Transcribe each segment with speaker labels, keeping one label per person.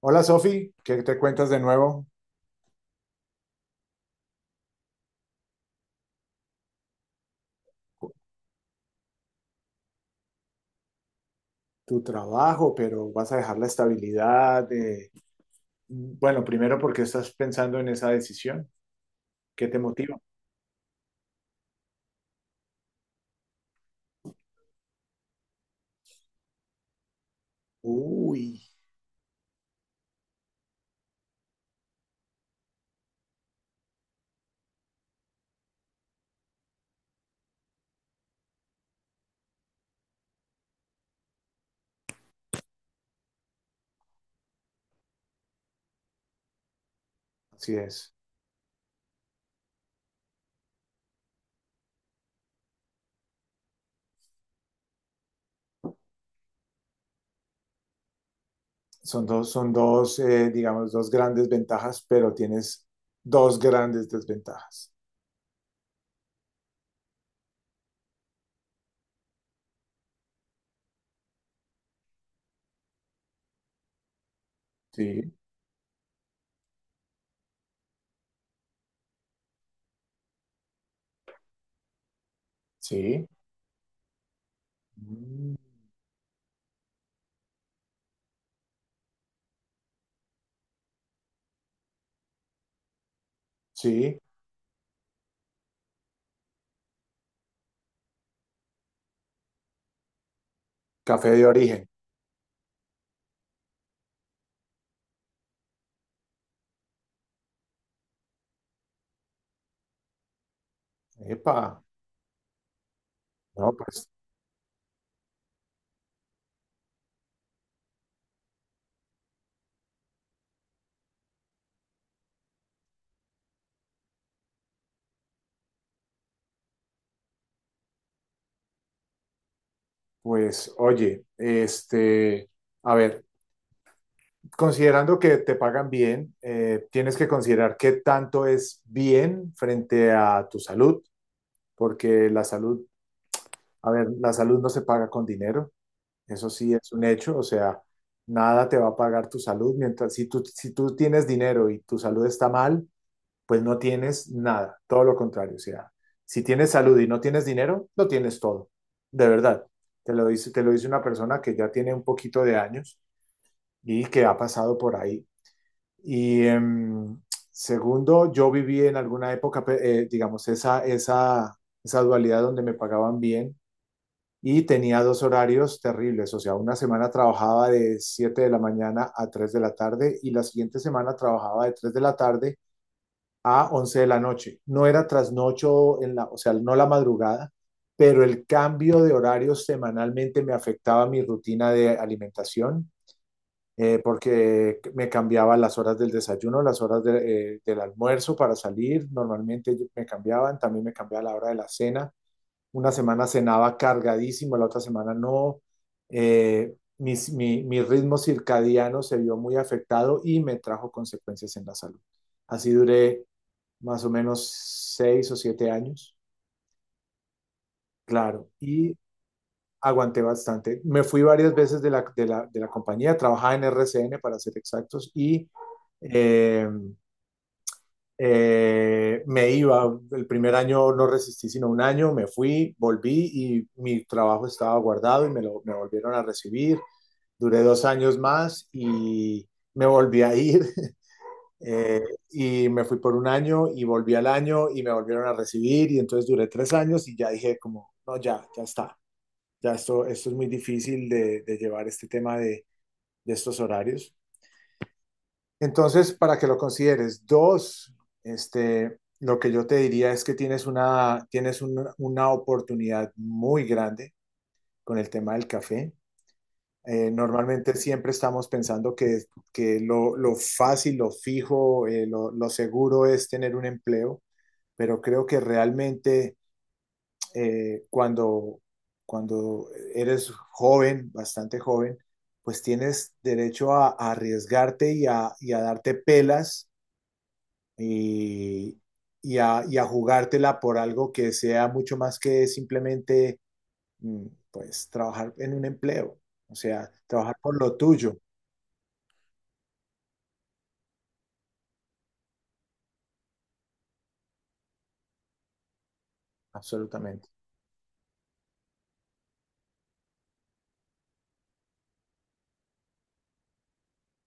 Speaker 1: Hola Sofi, ¿qué te cuentas de nuevo? Tu trabajo, pero vas a dejar la estabilidad. Bueno, primero, ¿porque estás pensando en esa decisión? ¿Qué te motiva? Uy, así es. Son dos, digamos, dos grandes ventajas, pero tienes dos grandes desventajas. Sí, sí. Mm, sí. Café de origen. Epa, no, pues, pues, oye, a ver. Considerando que te pagan bien, tienes que considerar qué tanto es bien frente a tu salud, porque la salud, a ver, la salud no se paga con dinero, eso sí es un hecho, o sea, nada te va a pagar tu salud, mientras si tú tienes dinero y tu salud está mal, pues no tienes nada, todo lo contrario, o sea, si tienes salud y no tienes dinero, lo tienes todo, de verdad. Te lo dice una persona que ya tiene un poquito de años y que ha pasado por ahí y segundo, yo viví en alguna época, digamos, esa dualidad donde me pagaban bien y tenía dos horarios terribles. O sea, una semana trabajaba de 7 de la mañana a 3 de la tarde y la siguiente semana trabajaba de 3 de la tarde a 11 de la noche. No era trasnocho, en la, o sea, no la madrugada, pero el cambio de horarios semanalmente me afectaba mi rutina de alimentación porque me cambiaba las horas del desayuno, del almuerzo para salir. Normalmente me cambiaban, también me cambiaba la hora de la cena. Una semana cenaba cargadísimo, la otra semana no. Mi ritmo circadiano se vio muy afectado y me trajo consecuencias en la salud. Así duré más o menos seis o siete años. Claro. Y aguanté bastante. Me fui varias veces de la, de la compañía, trabajaba en RCN para ser exactos y eh, me iba. El primer año no resistí sino un año, me fui, volví y mi trabajo estaba guardado y me volvieron a recibir. Duré dos años más y me volví a ir. eh, y me fui por un año y volví al año y me volvieron a recibir y entonces duré tres años y ya dije como, no, ya, ya está, ya esto es muy difícil de llevar este tema de estos horarios. Entonces, para que lo consideres, dos, lo que yo te diría es que tienes una oportunidad muy grande con el tema del café. Normalmente siempre estamos pensando que lo fácil, lo fijo, lo seguro es tener un empleo, pero creo que realmente eh, cuando, cuando eres joven, bastante joven, pues tienes derecho a arriesgarte y a darte pelas y, y a jugártela por algo que sea mucho más que simplemente, pues, trabajar en un empleo, o sea, trabajar por lo tuyo, absolutamente.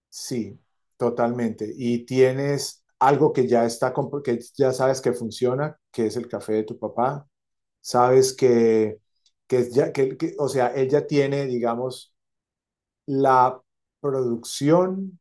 Speaker 1: Sí, totalmente. Y tienes algo que ya está, que ya sabes que funciona, que es el café de tu papá. Sabes que, ya, que, o sea, él ya tiene, digamos, la producción,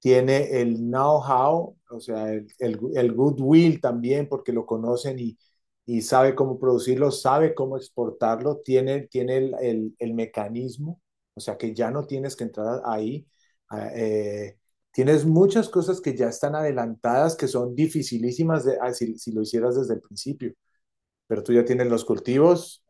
Speaker 1: tiene el know-how, o sea, el, el goodwill también, porque lo conocen y sabe cómo producirlo, sabe cómo exportarlo, tiene, tiene el, el mecanismo, o sea, que ya no tienes que entrar ahí. a- eh, Tienes muchas cosas que ya están adelantadas, que son dificilísimas de, ah, si lo hicieras desde el principio, pero tú ya tienes los cultivos.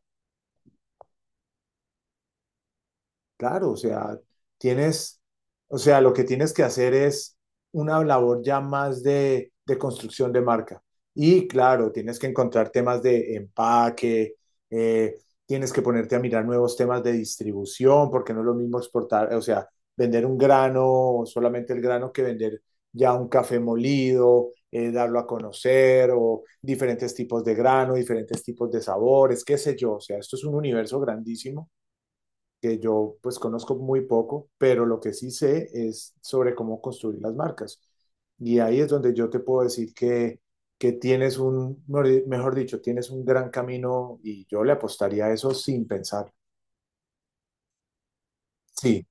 Speaker 1: Claro, o sea, tienes, o sea, lo que tienes que hacer es una labor ya más de construcción de marca. Y claro, tienes que encontrar temas de empaque, eh, tienes que ponerte a mirar nuevos temas de distribución, porque no es lo mismo exportar, o sea, vender un grano, solamente el grano, que vender ya un café molido, darlo a conocer, o diferentes tipos de grano, diferentes tipos de sabores, qué sé yo. O sea, esto es un universo grandísimo que yo pues conozco muy poco, pero lo que sí sé es sobre cómo construir las marcas. Y ahí es donde yo te puedo decir que mejor dicho, tienes un gran camino y yo le apostaría a eso sin pensar. Sí,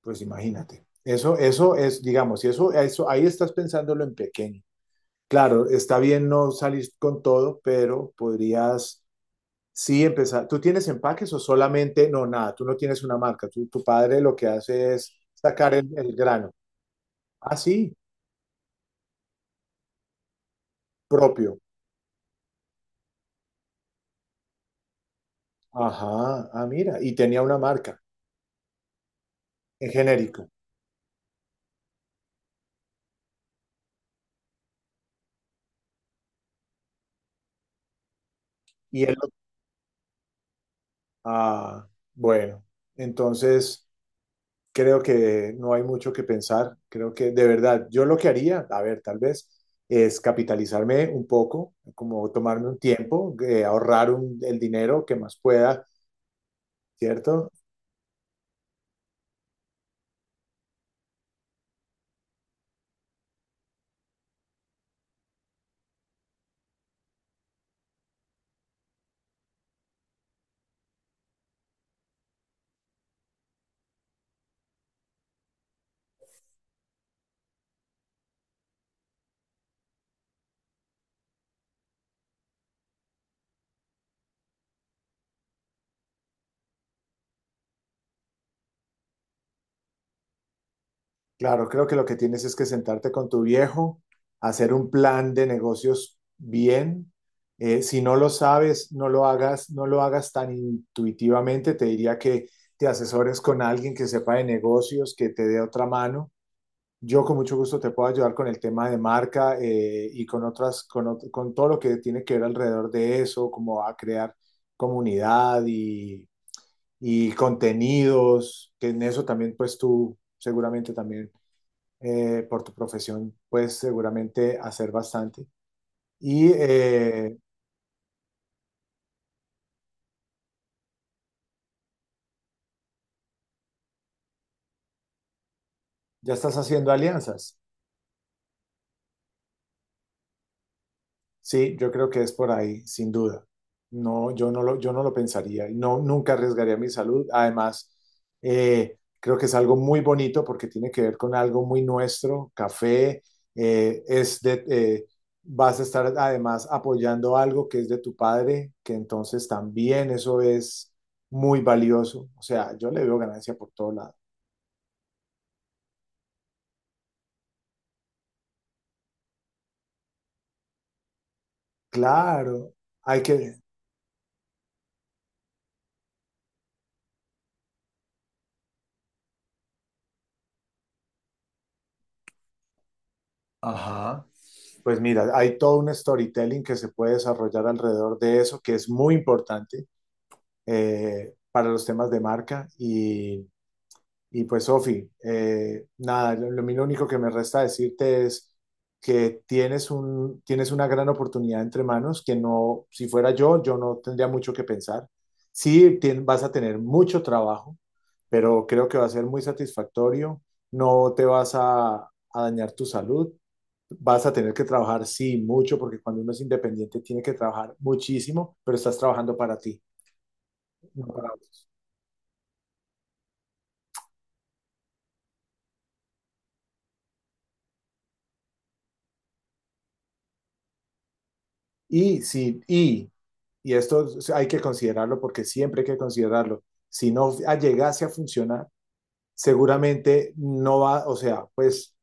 Speaker 1: pues imagínate. Eso es, digamos, y eso, ahí estás pensándolo en pequeño. Claro, está bien no salir con todo, pero podrías, sí, empezar. ¿Tú tienes empaques o solamente? No, nada, tú no tienes una marca. Tu padre lo que hace es sacar el grano. Ah, sí, propio. Ajá, ah, mira. Y tenía una marca en genérico. Y él lo- Ah, bueno. Entonces, creo que no hay mucho que pensar. Creo que de verdad, yo lo que haría, a ver, tal vez, es capitalizarme un poco, como tomarme un tiempo, ahorrar el dinero que más pueda, ¿cierto? Claro, creo que lo que tienes es que sentarte con tu viejo, hacer un plan de negocios bien. Si no lo sabes, no lo hagas, no lo hagas tan intuitivamente. Te diría que te asesores con alguien que sepa de negocios, que te dé otra mano. Yo con mucho gusto te puedo ayudar con el tema de marca y con otras, con, con todo lo que tiene que ver alrededor de eso, como a crear comunidad y contenidos, que en eso también pues tú seguramente también por tu profesión puedes seguramente hacer bastante. Y eh, ya estás haciendo alianzas. Sí, yo creo que es por ahí, sin duda. No, yo no lo pensaría. Y no, nunca arriesgaría mi salud. Además, creo que es algo muy bonito porque tiene que ver con algo muy nuestro. Café, eh, es de, eh, vas a estar además apoyando algo que es de tu padre, que entonces también eso es muy valioso. O sea, yo le veo ganancia por todo lado. Claro, hay que, ajá. Pues mira, hay todo un storytelling que se puede desarrollar alrededor de eso, que es muy importante para los temas de marca. Y pues, Sofi, nada, lo, lo único que me resta decirte es que tienes una gran oportunidad entre manos, que no, si fuera yo, yo no tendría mucho que pensar. Sí, vas a tener mucho trabajo, pero creo que va a ser muy satisfactorio. No te vas a, A dañar tu salud. Vas a tener que trabajar, sí, mucho, porque cuando uno es independiente tiene que trabajar muchísimo, pero estás trabajando para ti, no para otros. Y si, y esto hay que considerarlo porque siempre hay que considerarlo, si no llegase a funcionar, seguramente no va, o sea, pues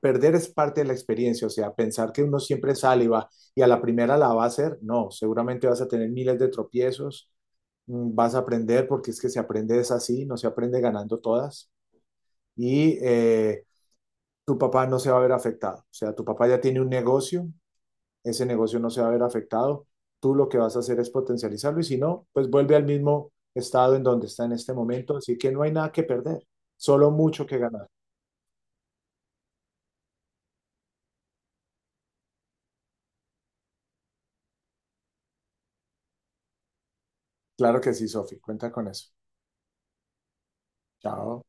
Speaker 1: perder es parte de la experiencia, o sea, pensar que uno siempre sale y va y a la primera la va a hacer, no, seguramente vas a tener miles de tropiezos, mm, vas a aprender porque es que se aprende es así, no se aprende ganando todas y eh, tu papá no se va a ver afectado, o sea, tu papá ya tiene un negocio, ese negocio no se va a ver afectado. Tú lo que vas a hacer es potencializarlo y si no, pues vuelve al mismo estado en donde está en este momento. Así que no hay nada que perder, solo mucho que ganar. Claro que sí, Sofi, cuenta con eso. Chao.